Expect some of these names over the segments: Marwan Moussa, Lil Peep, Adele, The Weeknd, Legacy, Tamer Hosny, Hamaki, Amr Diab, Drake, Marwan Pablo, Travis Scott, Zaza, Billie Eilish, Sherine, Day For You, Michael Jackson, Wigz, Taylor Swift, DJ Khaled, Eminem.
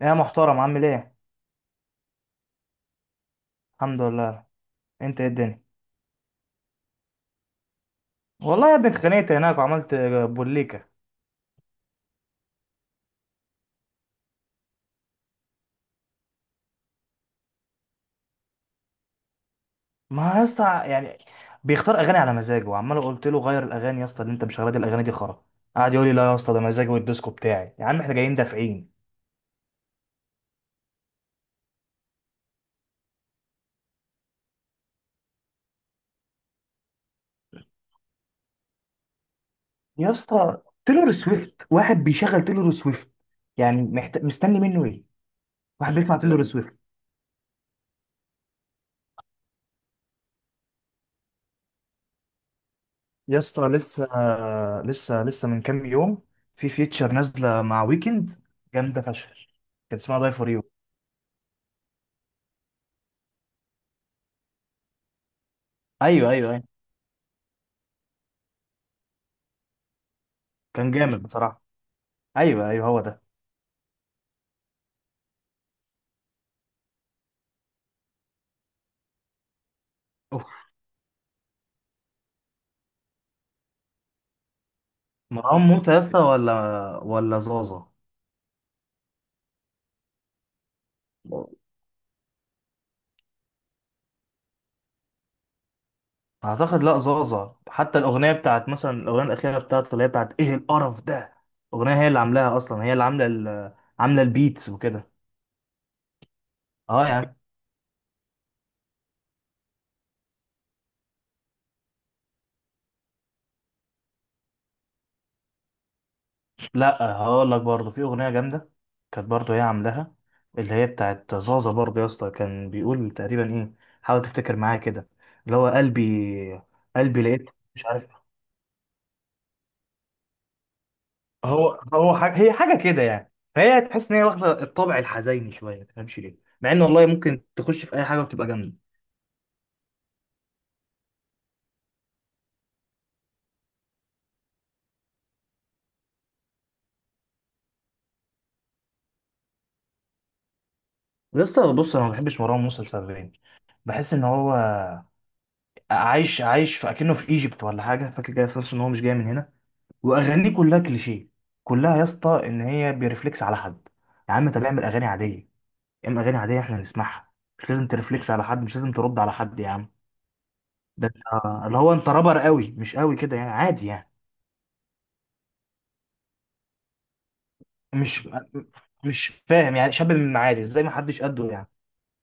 يا محترم، عامل ايه؟ الحمد لله. انت ايه الدنيا؟ والله يا ابني اتخانقت هناك وعملت بوليكا. ما يا اسطى، يعني بيختار اغاني على مزاجه وعمال قلت له غير الاغاني يا اسطى، اللي انت مش راضي الاغاني دي خرا. قعد يقول لي: لا يا اسطى، ده مزاجي والديسكو بتاعي، يا عم احنا جايين دافعين. يا اسطى تيلور سويفت، واحد بيشغل تيلور سويفت يعني مستني منه ايه؟ واحد بيسمع تيلور سويفت؟ يا اسطى لسه، لسه من كام يوم في فيتشر نازله مع ويكند، جامده فشخ. كان اسمها داي فور يو. ايوه، ايوه، أيوه. كان جامد بصراحة. ايوه، ايوه، هو ده. أوه. مروان موسى يا اسطى، ولا زازا؟ اعتقد لا زازا. حتى الاغنية بتاعت مثلا، الاغنية الاخيرة بتاعته اللي هي بتاعت ايه القرف ده، الاغنية هي اللي عاملاها اصلا، هي اللي عاملة عاملة البيتس وكده. اه يعني. لا هقول لك، برضه في اغنية جامدة كانت برضه هي عاملاها، اللي هي بتاعت زازا برضه يا اسطى. كان بيقول تقريبا ايه، حاول تفتكر معايا كده، اللي هو قلبي، قلبي لقيت، مش عارف. هو حاجة، هي حاجة كده يعني، فهي تحس ان هي واخدة الطابع الحزيني شوية، ما تفهمش ليه، مع ان والله ممكن تخش في اي حاجة وتبقى جامدة. يا اسطى بص، انا ما بحبش مروان موسى لسببين. بحس ان هو عايش في اكنه في ايجيبت ولا حاجة، فاكر كده في نفسه ان هو مش جاي من هنا. واغانيه كلها كليشيه، كلها يا اسطى ان هي بيرفلكس على حد. يا عم طب اعمل اغاني عادية، اعمل اغاني عادية احنا نسمعها، مش لازم ترفلكس على حد، مش لازم ترد على حد يا عم. ده اللي هو انت رابر قوي مش قوي كده، يعني عادي يعني. مش مش فاهم يعني شاب من المعادي ازاي ما حدش قده يعني،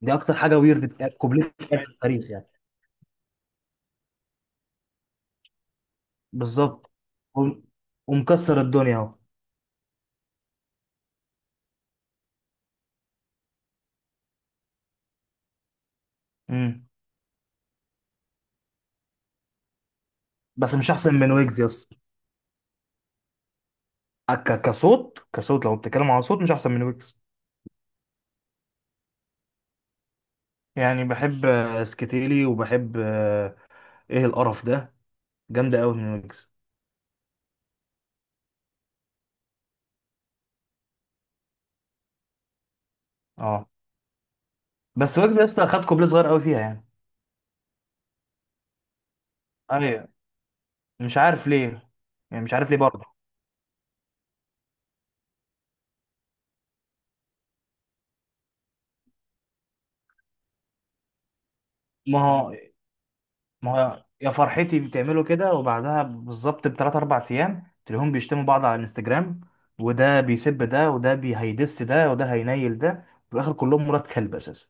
دي اكتر حاجه ويرد بتاعت كوبليه بتاعت في التاريخ يعني. بالظبط. وم- ومكسر الدنيا اهو. مم. بس مش احسن من ويجز، يس. كصوت، لو بتتكلم على صوت، مش احسن من ويجز. يعني بحب سكتيلي، وبحب ايه القرف ده، جامده قوي من ويجز. اه. بس ويجز لسه خد كوبليه صغير قوي فيها يعني. ايوه. مش عارف ليه، يعني مش عارف ليه برضه. ما هو ما هو يا فرحتي، بتعملوا كده وبعدها بالظبط بثلاث اربع ايام تلاقيهم بيشتموا بعض على الانستجرام، وده بيسب ده، وده هيدس ده، وده هينيل ده، في الاخر كلهم مرات كلب اساسا.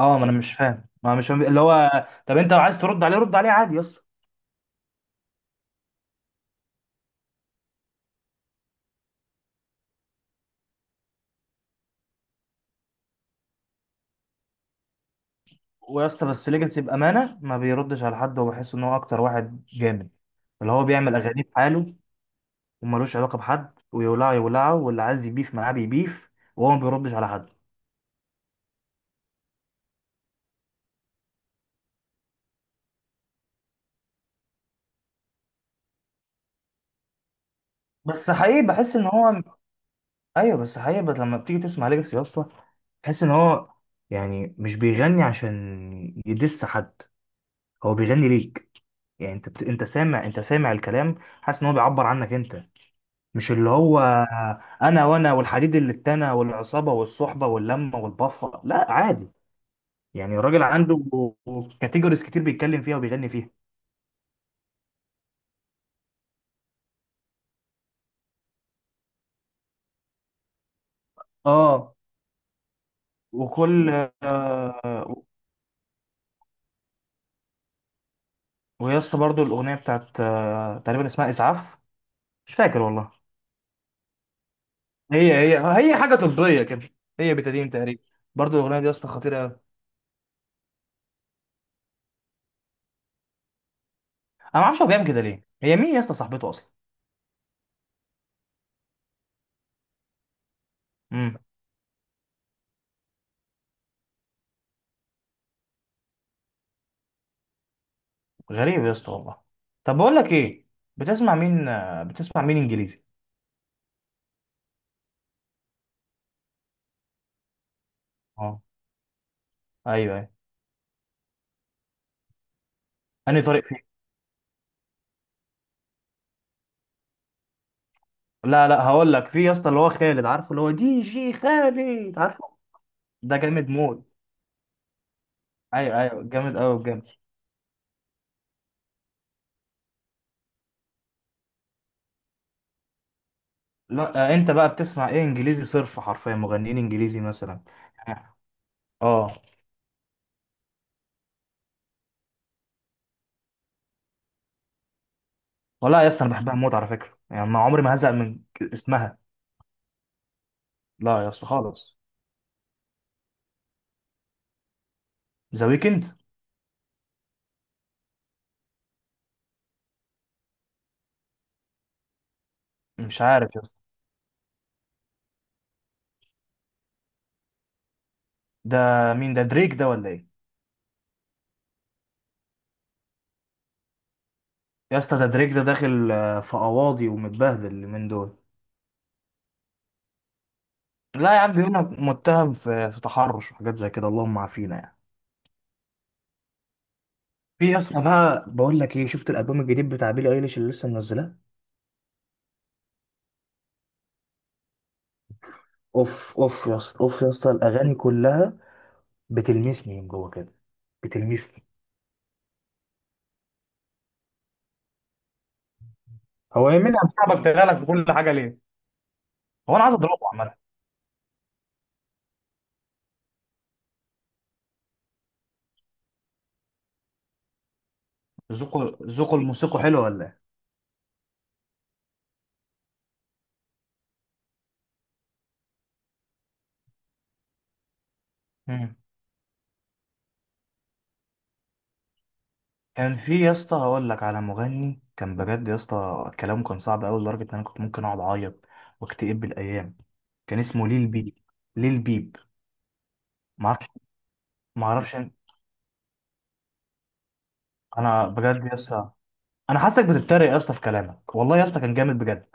اه، ما انا مش فاهم، اللي هو طب انت لو عايز ترد عليه، رد عليه عادي يا اسطى. ويا اسطى، بس ليجاسي بامانه ما بيردش على حد، وبحس ان هو اكتر واحد جامد، اللي هو بيعمل اغاني بحاله وملوش علاقه بحد، ويولعه يولعه، واللي عايز يبيف معاه بيبيف، وهو ما بيردش على حد. بس حقيقي بحس ان هو، ايوه، بس حقيقة، بس لما بتيجي تسمع ليجاسي يا اسطى، تحس ان هو يعني مش بيغني عشان يدس حد، هو بيغني ليك. يعني انت انت سامع الكلام، حاسس ان هو بيعبر عنك انت، مش اللي هو: انا والحديد اللي اتنى والعصابة والصحبة واللمة والبفة. لا عادي، يعني الراجل عنده كاتيجوريز كتير بيتكلم فيها وبيغني فيها. اه وكل آه... ويا اسطى برضه، الاغنية بتاعت تقريبا اسمها اسعاف، مش فاكر والله. هي حاجه طبيه كده، هي بتدين تقريبا. برضو الاغنيه دي يا اسطى خطيره قوي. انا ما اعرفش هو بيعمل كده ليه، هي مين يا اسطى صاحبته اصلا؟ امم. غريب يا اسطى والله. طب بقول لك ايه، بتسمع مين انجليزي؟ اه. ايوه، ايوه. انهي طريق فيه؟ لا، لا، هقول لك، في يا اسطى اللي هو خالد عارفه، اللي هو دي جي خالد عارفه. ده جامد موت. ايوه، ايوه، جامد قوي بجد. لا انت بقى بتسمع ايه انجليزي صرف، حرفيا مغنيين انجليزي مثلا؟ اه. والله يا اسطى انا بحبها موت على فكره، يعني ما عمري ما هزهق من اسمها. لا يا اسطى خالص. ذا ويكند. مش عارف يا اسطى. ده مين ده، دريك ده ولا ايه؟ يا اسطى ده دريك، ده داخل في قواضي ومتبهدل من دول. لا يا عم، بيقول لك متهم في تحرش وحاجات زي كده، اللهم عافينا يعني. في يا اسطى بقى، بقول لك ايه، شفت الالبوم الجديد بتاع بيلي ايليش اللي لسه منزلاه؟ اوف، اوف يا اسطى، اوف يا اسطى، الاغاني كلها بتلمسني من جوه كده، بتلمسني. هو ايه، مين اللي عم صاحبك تغلط في كل حاجه ليه؟ هو انا عايز اضربه عامه. ذوقه الموسيقى حلو ولا ايه؟ مم. كان في يا اسطى هقول لك على مغني كان بجد يا اسطى كلامه كان صعب قوي، لدرجه ان انا كنت ممكن اقعد اعيط واكتئب بالايام. كان اسمه ليل بيب. ليل بيب. ما اعرفش. ما اعرفش إن- انا بجد يا اسطى، انا حاسسك بتتريق يا اسطى في كلامك، والله يا اسطى كان جامد بجد.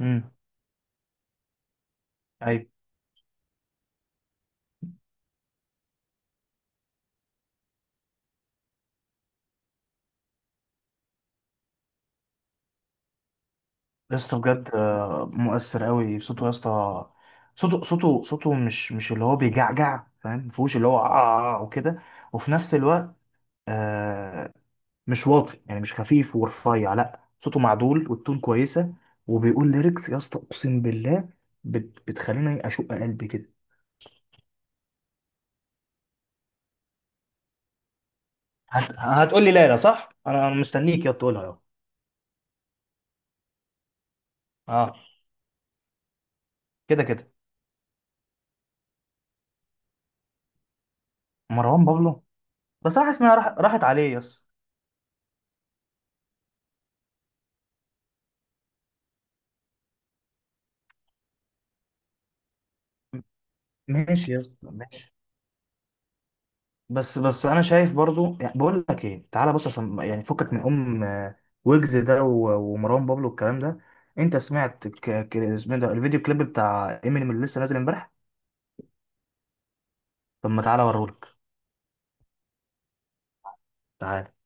امم. ايوه. يا اسطى بجد مؤثر قوي صوته يا اسطى. صوته مش اللي هو بيجعجع، فاهم، مفهوش اللي هو آه آه آه وكده. وفي نفس الوقت آه، مش واطي يعني، مش خفيف ورفيع، لا صوته معدول والتون كويسه. وبيقول ليركس يا اسطى اقسم بالله، بتخليني اشق قلبي كده. هتقول لي لا، لا، صح، انا مستنيك يا تقولها يا. اه. كده، كده. مروان بابلو. بس انا حاسس انها راحت عليه يا اسطى. ماشي يا اسطى، ماشي. بس انا شايف برضو، يعني بقول لك ايه، تعالى بص، عشان يعني فكك من ام آه، ويجز ده ومروان بابلو والكلام ده. انت سمعت اسمه إيه ده، الفيديو كليب بتاع امينيم اللي لسه نازل امبارح؟ طب ما تعالى اوريهولك. تعال.